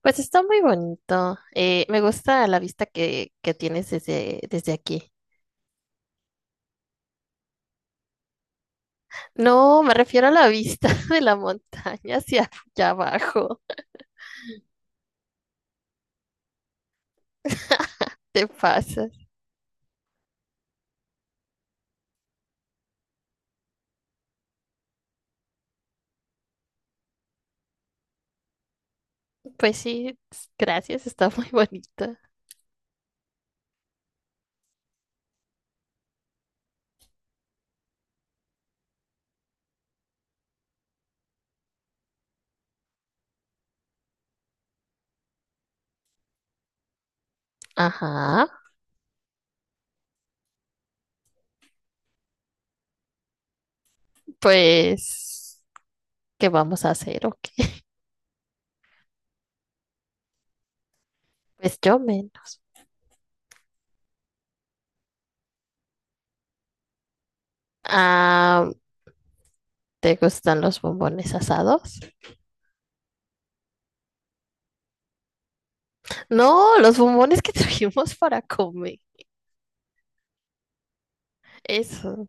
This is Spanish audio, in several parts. Pues está muy bonito. Me gusta la vista que tienes desde aquí. No, me refiero a la vista de la montaña hacia allá abajo. Te pasas. Pues sí, gracias, está muy bonito. Ajá, pues, ¿qué vamos a hacer o qué? Pues yo menos. Ah, ¿te gustan los bombones asados? No, los bombones que trajimos para comer. Eso,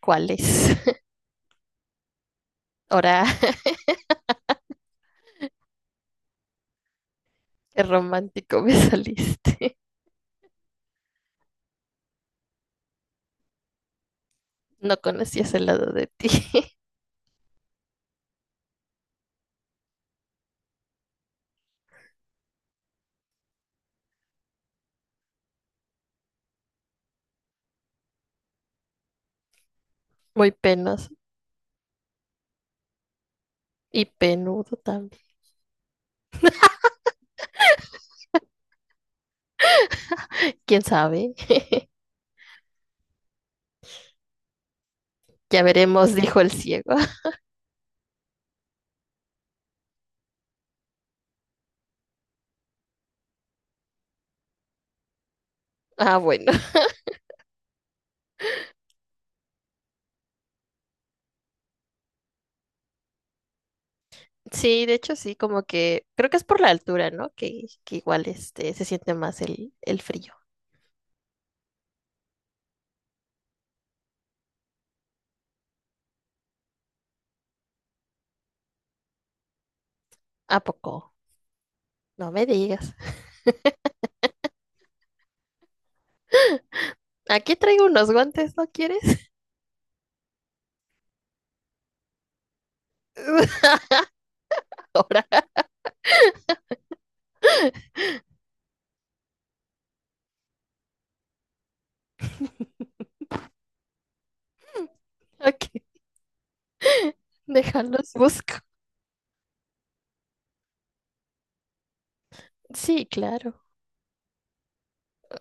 ¿cuáles? Ahora. Qué romántico me saliste. No conocías el lado de ti. Muy penoso y penudo también. ¿Quién sabe? Ya veremos, dijo el ciego. Ah, bueno. Sí, de hecho sí, como que creo que es por la altura, ¿no? Que igual este se siente más el frío. ¿A poco? No me digas. Aquí traigo unos guantes, ¿no quieres? Ahora. Ok. Déjalos, busco. Sí, claro.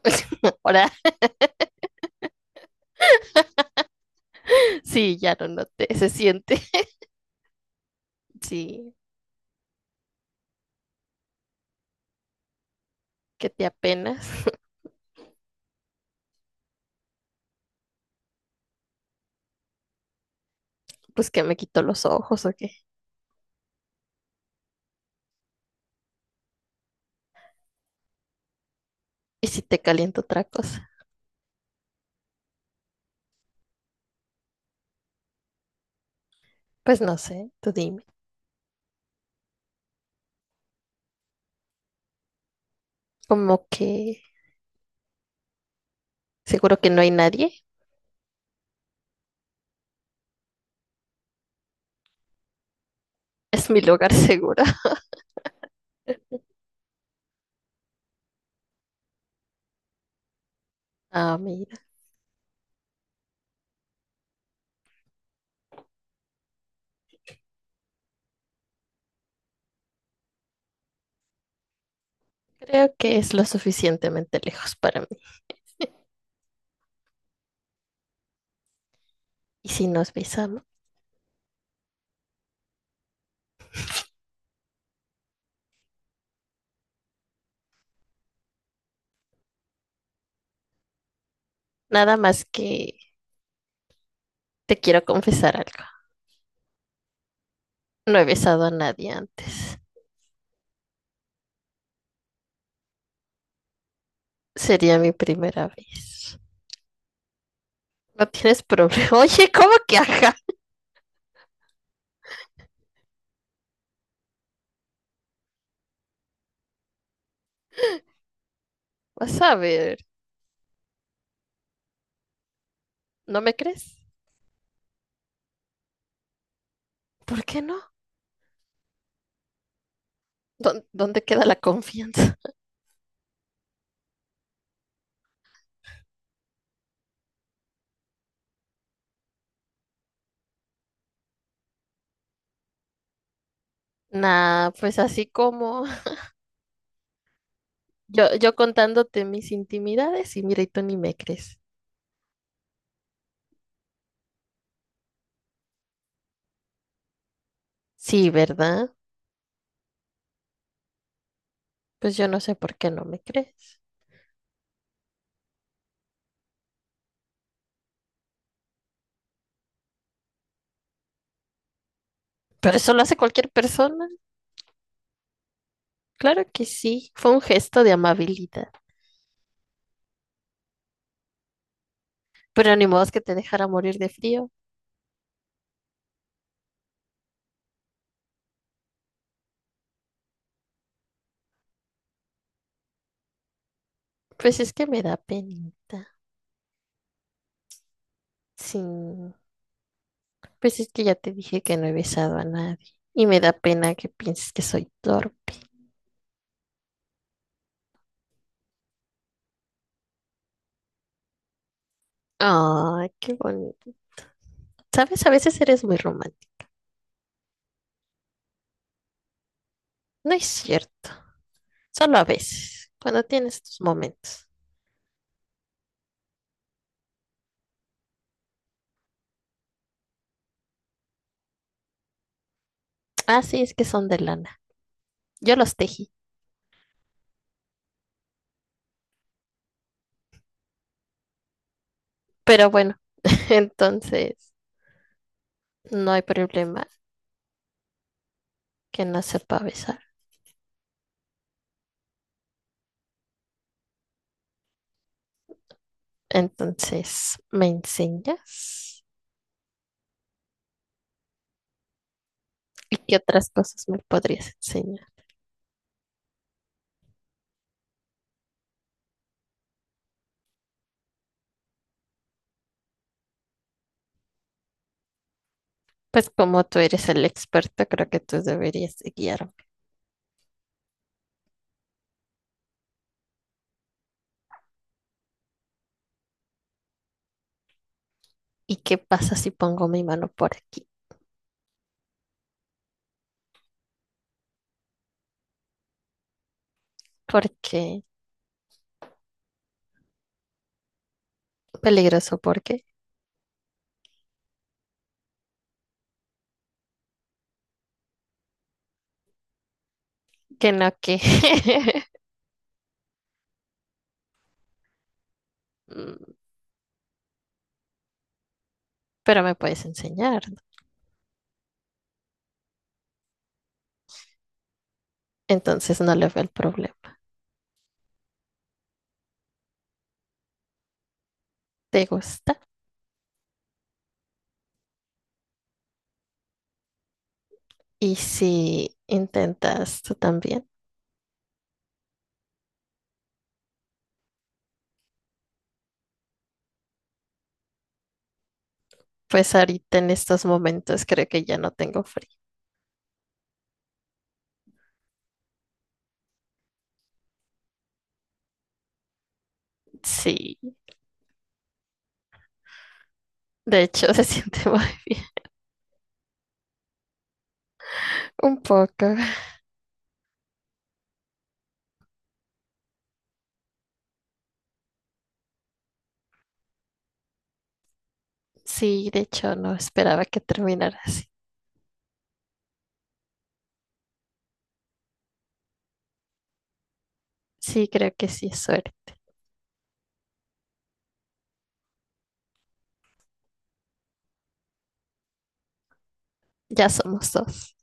Ahora sí, ya lo noté, se siente. Sí, que te apenas, pues que me quito los ojos o qué. Y si te caliento otra cosa, pues no sé, tú dime. Como que seguro que no hay nadie, es mi lugar seguro. Ah, mira, creo que es lo suficientemente lejos para mí. Y si nos besamos, nada más que te quiero confesar algo. No he besado a nadie antes. Sería mi primera vez. No tienes problema. Oye, ¿cómo que ajá? Vas a ver, ¿no me crees? ¿Por qué no? ¿Dó- ¿Dónde queda la confianza? Nah, pues así como yo contándote mis intimidades y mira, y tú ni me crees. Sí, ¿verdad? Pues yo no sé por qué no me crees. Pero eso lo hace cualquier persona. Claro que sí, fue un gesto de amabilidad. Pero ni modo es que te dejara morir de frío. Pues es que me da penita. Sí, pues es que ya te dije que no he besado a nadie. Y me da pena que pienses que soy torpe. Ay, qué bonito. Sabes, a veces eres muy romántico. No es cierto. Solo a veces, cuando tienes tus momentos. Ah, sí, es que son de lana. Yo los tejí, pero bueno, entonces no hay problema que no sepa besar. Entonces, ¿me enseñas? ¿Y qué otras cosas me podrías enseñar? Pues como tú eres el experto, creo que tú deberías de guiarme. ¿Y qué pasa si pongo mi mano por aquí? Porque peligroso, porque que no que. Pero me puedes enseñar, ¿no? Entonces no le veo el problema. Te gusta y si intentas tú también. Pues ahorita en estos momentos creo que ya no tengo frío. Sí, de hecho se siente muy bien. Un poco. Sí, de hecho no esperaba que terminara así. Sí, creo que sí es suerte. Ya somos dos.